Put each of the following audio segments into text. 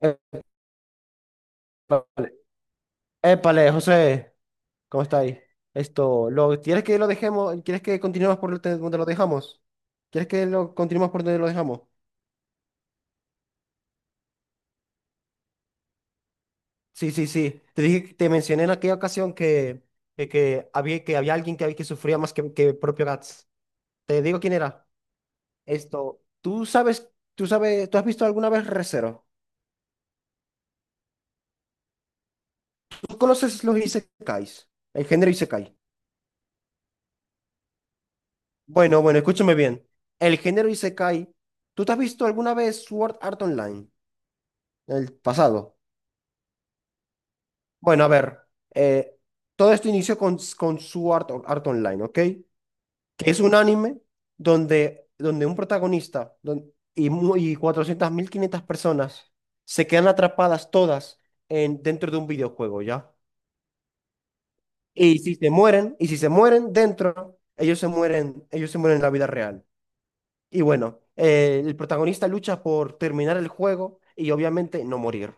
Épale, épale, José, ¿cómo está ahí? Esto, lo, ¿quieres que lo dejemos? ¿Quieres que continuemos por donde lo dejamos? ¿Quieres que lo continuemos por donde lo dejamos? Sí, sí, sí. Te dije, te mencioné en aquella ocasión que había alguien que sufría más que propio Gats. Te digo quién era. Esto, ¿tú has visto alguna vez Re:Zero? ¿Tú conoces los isekais? El género isekai. Bueno, bueno, escúchame bien. El género isekai, ¿tú te has visto alguna vez Sword Art Online? El pasado. Bueno, a ver. eh, todo esto inició con Sword Art Online, ¿ok? Que es un anime donde un protagonista y 400.000, 500 personas se quedan atrapadas todas dentro de un videojuego, ¿ya? Y si se mueren dentro, ellos se mueren en la vida real. Y bueno, el protagonista lucha por terminar el juego y obviamente no morir.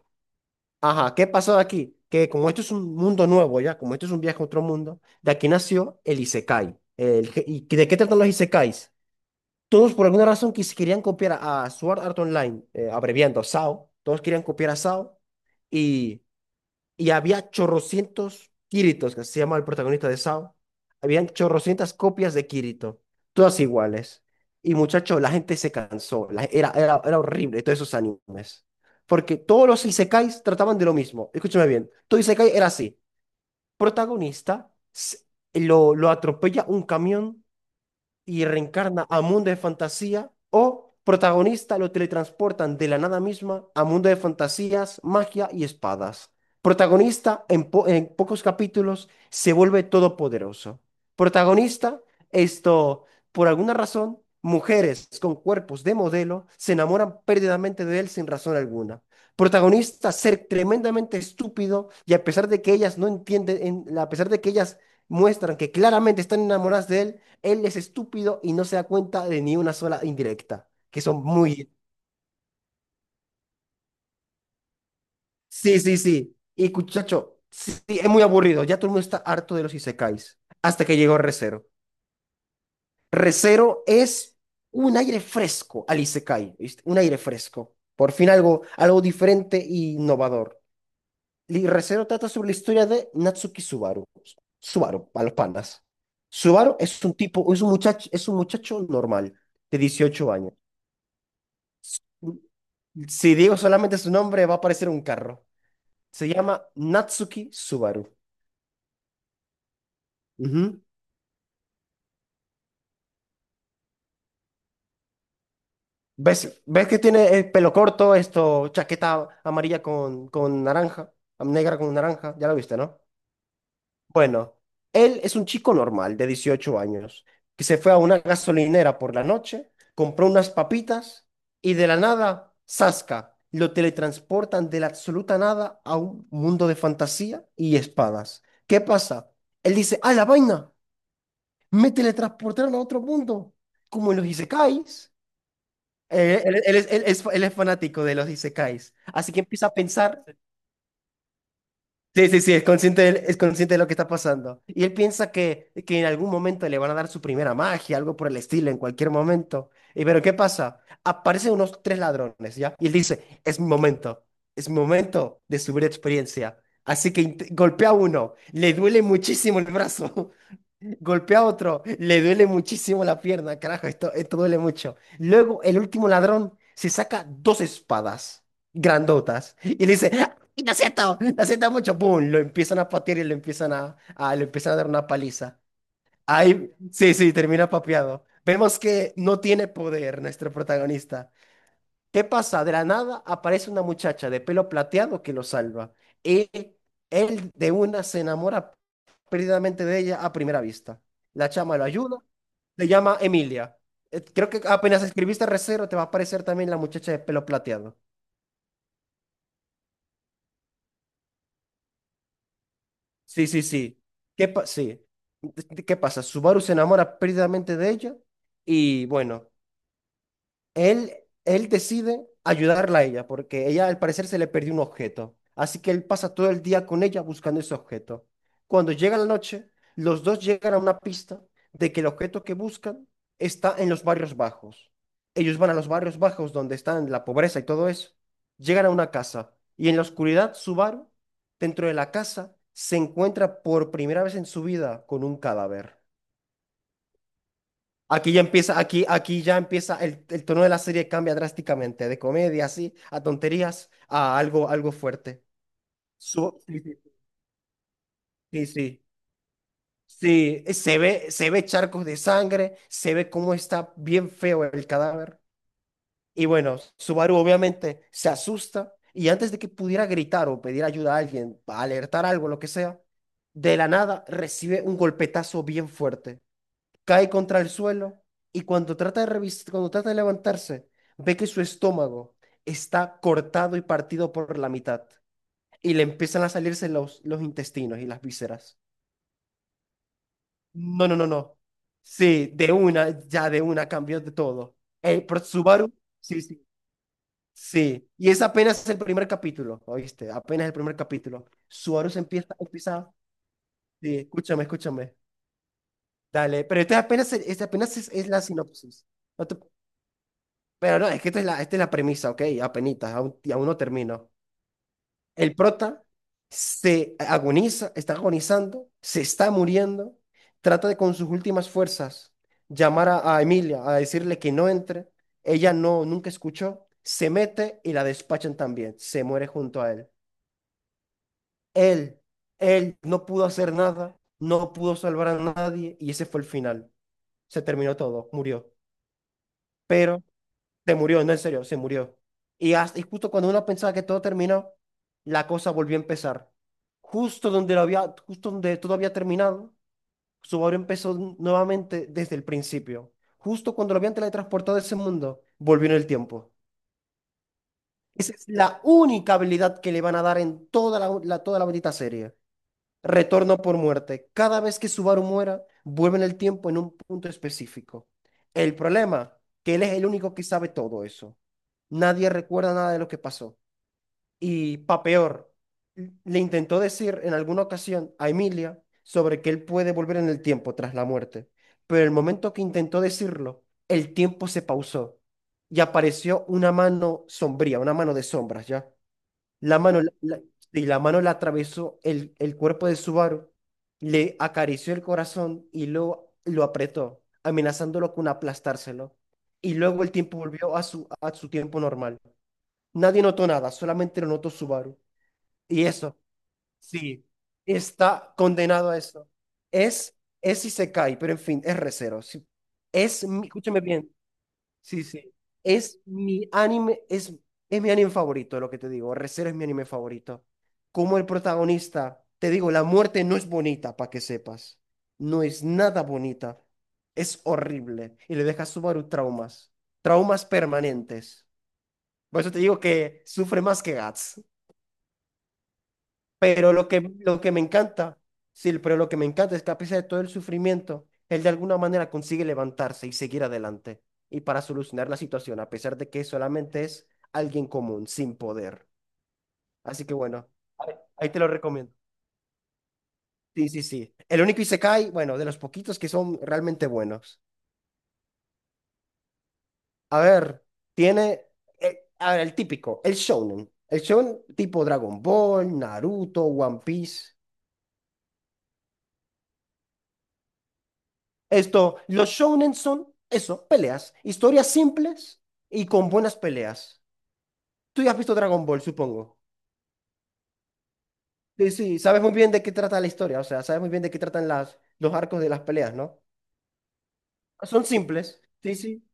Ajá, ¿qué pasó aquí? Que como esto es un mundo nuevo ya, como esto es un viaje a otro mundo, de aquí nació el isekai. ¿Y de qué tratan los isekais? Todos por alguna razón querían copiar a Sword Art Online, abreviando SAO, todos querían copiar a SAO, y había chorrocientos Kiritos, que se llama el protagonista de SAO. Habían chorrocientas copias de Kirito, todas iguales. Y muchacho, la gente se cansó, era horrible todos esos animes. Porque todos los isekais trataban de lo mismo. Escúchame bien, todo isekai era así. Protagonista, lo atropella un camión y reencarna a mundo de fantasía, o protagonista lo teletransportan de la nada misma a mundo de fantasías, magia y espadas. Protagonista en pocos capítulos se vuelve todopoderoso. Protagonista, esto, por alguna razón, mujeres con cuerpos de modelo se enamoran perdidamente de él sin razón alguna. Protagonista, ser tremendamente estúpido y a pesar de que ellas no entienden, a pesar de que ellas muestran que claramente están enamoradas de él, él es estúpido y no se da cuenta de ni una sola indirecta, que son muy. Sí, sí, sí. Y muchacho, sí, sí, es muy aburrido. Ya todo el mundo está harto de los isekais. Hasta que llegó Recero. Recero es un aire fresco al isekai, ¿viste? Un aire fresco. Por fin algo, diferente e innovador. Y Recero trata sobre la historia de Natsuki Subaru. Subaru, a los panas. Subaru es un tipo, es un muchacho normal, de 18 años. Si digo solamente su nombre, va a aparecer un carro. Se llama Natsuki Subaru. Ujú. ¿Ves que tiene el pelo corto, esto, chaqueta amarilla con naranja, negra con naranja? Ya lo viste, ¿no? Bueno, él es un chico normal de 18 años que se fue a una gasolinera por la noche, compró unas papitas y de la nada, ¡zasca! Lo teletransportan de la absoluta nada a un mundo de fantasía y espadas. ¿Qué pasa? Él dice, ¡ah, la vaina! Me teletransportaron a otro mundo, como en los isekais. Él es fanático de los isekais, así que empieza a pensar, sí, sí, sí, es consciente, es consciente de lo que está pasando. Y él piensa que en algún momento le van a dar su primera magia, algo por el estilo, en cualquier momento. Y pero ¿qué pasa? Aparecen unos tres ladrones, ¿ya? Y él dice, es mi momento, de subir experiencia. Así que golpea a uno, le duele muchísimo el brazo. Golpea a otro, le duele muchísimo la pierna, carajo, esto duele mucho. Luego el último ladrón se saca dos espadas grandotas y le dice, "Ah, lo siento mucho", ¡pum! Lo empiezan a patear y lo empiezan a- le empiezan a dar una paliza. Ahí, sí, sí, termina papeado. Vemos que no tiene poder nuestro protagonista. ¿Qué pasa? De la nada aparece una muchacha de pelo plateado que lo salva. Y él de una se enamora perdidamente de ella a primera vista. La chama lo ayuda, se llama Emilia. Creo que apenas escribiste Recero te va a aparecer también la muchacha de pelo plateado. Sí, sí, sí. Sí. ¿Qué pasa? Subaru se enamora perdidamente de ella y bueno, Él, él decide ayudarla a ella porque ella al parecer se le perdió un objeto. Así que él pasa todo el día con ella buscando ese objeto. Cuando llega la noche, los dos llegan a una pista de que el objeto que buscan está en los barrios bajos. Ellos van a los barrios bajos donde están la pobreza y todo eso. Llegan a una casa y en la oscuridad Subaru, dentro de la casa, se encuentra por primera vez en su vida con un cadáver. Aquí ya empieza, el tono de la serie cambia drásticamente, de comedia, así, a tonterías, a algo, fuerte. Sí, sí, sí, sí. Sí, se ve, charcos de sangre, se ve cómo está bien feo el cadáver. Y bueno, Subaru obviamente se asusta y antes de que pudiera gritar o pedir ayuda a alguien, alertar algo, lo que sea, de la nada recibe un golpetazo bien fuerte, cae contra el suelo y cuando trata de levantarse, ve que su estómago está cortado y partido por la mitad y le empiezan a salirse los intestinos y las vísceras. No, no, no, no. Sí, de una, ya de una cambió de todo. Subaru, sí, sí. Sí, y es apenas el primer capítulo, ¿oíste? Apenas el primer capítulo. Subaru se empieza, empieza, sí, escúchame, escúchame. Dale, pero este apenas es la sinopsis. No te- Pero no, es que esta es la premisa, ¿ok? Apenitas, aún no termino. El prota se agoniza, está agonizando, se está muriendo, trata de con sus últimas fuerzas llamar a Emilia, a decirle que no entre. Ella no, nunca escuchó, se mete y la despachan también, se muere junto a él. Él, él no pudo hacer nada, no pudo salvar a nadie y ese fue el final. Se terminó todo, murió. Pero se murió, no en serio, se murió. Y justo cuando uno pensaba que todo terminó, la cosa volvió a empezar. Justo donde todo había terminado, Subaru empezó nuevamente desde el principio. Justo cuando lo habían teletransportado a ese mundo, volvió en el tiempo. Esa es la única habilidad que le van a dar en toda la bonita serie. Retorno por muerte. Cada vez que Subaru muera, vuelve en el tiempo en un punto específico. El problema, que él es el único que sabe todo eso. Nadie recuerda nada de lo que pasó. Y pa' peor, le intentó decir en alguna ocasión a Emilia sobre que él puede volver en el tiempo tras la muerte. Pero el momento que intentó decirlo, el tiempo se pausó y apareció una mano sombría, una mano de sombras ya. La mano, la- la- y la mano le atravesó el cuerpo de Subaru, le acarició el corazón y lo apretó, amenazándolo con aplastárselo. Y luego el tiempo volvió a su tiempo normal. Nadie notó nada, solamente lo notó Subaru. Y eso, sí, está condenado a eso. Es si se cae, pero en fin, es Recero. Sí. Escúchame bien. Sí, sí. Es mi anime, es, es mi anime favorito, lo que te digo. Re:Zero es mi anime favorito. Como el protagonista, te digo, la muerte no es bonita, para que sepas. No es nada bonita. Es horrible. Y le deja a Subaru traumas. Traumas permanentes. Por eso te digo que sufre más que Guts. Pero lo que me encanta, sí, pero lo que me encanta es que a pesar de todo el sufrimiento, él de alguna manera consigue levantarse y seguir adelante. Y para solucionar la situación, a pesar de que solamente es alguien común, sin poder. Así que bueno, ahí te lo recomiendo. Sí, sí, sí. El único isekai, bueno, de los poquitos que son realmente buenos. A ver, tiene, a ver, el típico, el shonen. El shonen tipo Dragon Ball, Naruto, One Piece. Esto, los shounen son eso, peleas, historias simples y con buenas peleas. Tú ya has visto Dragon Ball, supongo. Sí, sí, sabes muy bien de qué trata la historia, o sea, sabes muy bien de qué tratan las, los arcos de las peleas, ¿no? Son simples, sí, sí,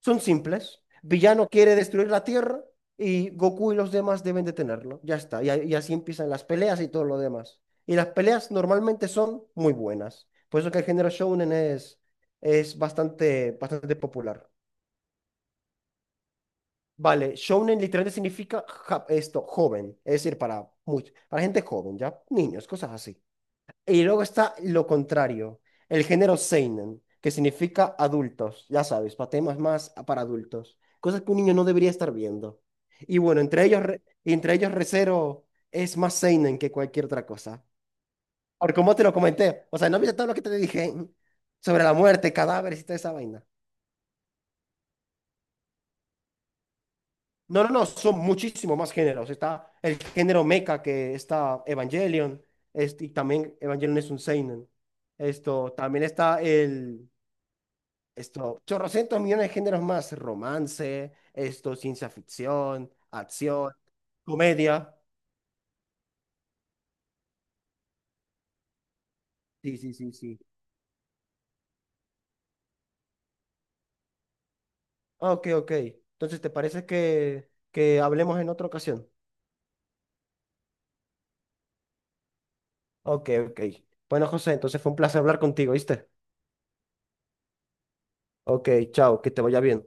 son simples. Villano quiere destruir la Tierra y Goku y los demás deben detenerlo, ya está, y, así empiezan las peleas y todo lo demás. Y las peleas normalmente son muy buenas, por eso que el género shounen es bastante, bastante popular. Vale, shounen literalmente significa esto, joven, es decir, para, para gente joven, ya, niños, cosas así. Y luego está lo contrario, el género seinen, que significa adultos, ya sabes, para temas más para adultos, cosas que un niño no debería estar viendo. Y bueno, entre ellos Re:Zero es más seinen que cualquier otra cosa. Por como te lo comenté, o sea, no viste todo lo que te dije sobre la muerte, cadáveres y toda esa vaina. No, no, no, son muchísimos más géneros. Está el género mecha que está Evangelion, este, y también Evangelion es un seinen. Esto, también está el, esto, chorrocientos millones de géneros más, romance, esto, ciencia ficción, acción, comedia. Sí, sí, sí, sí. Ok, ok. Entonces, ¿te parece que, hablemos en otra ocasión? Ok, ok. Bueno, José, entonces fue un placer hablar contigo, ¿viste? Ok, chao, que te vaya bien.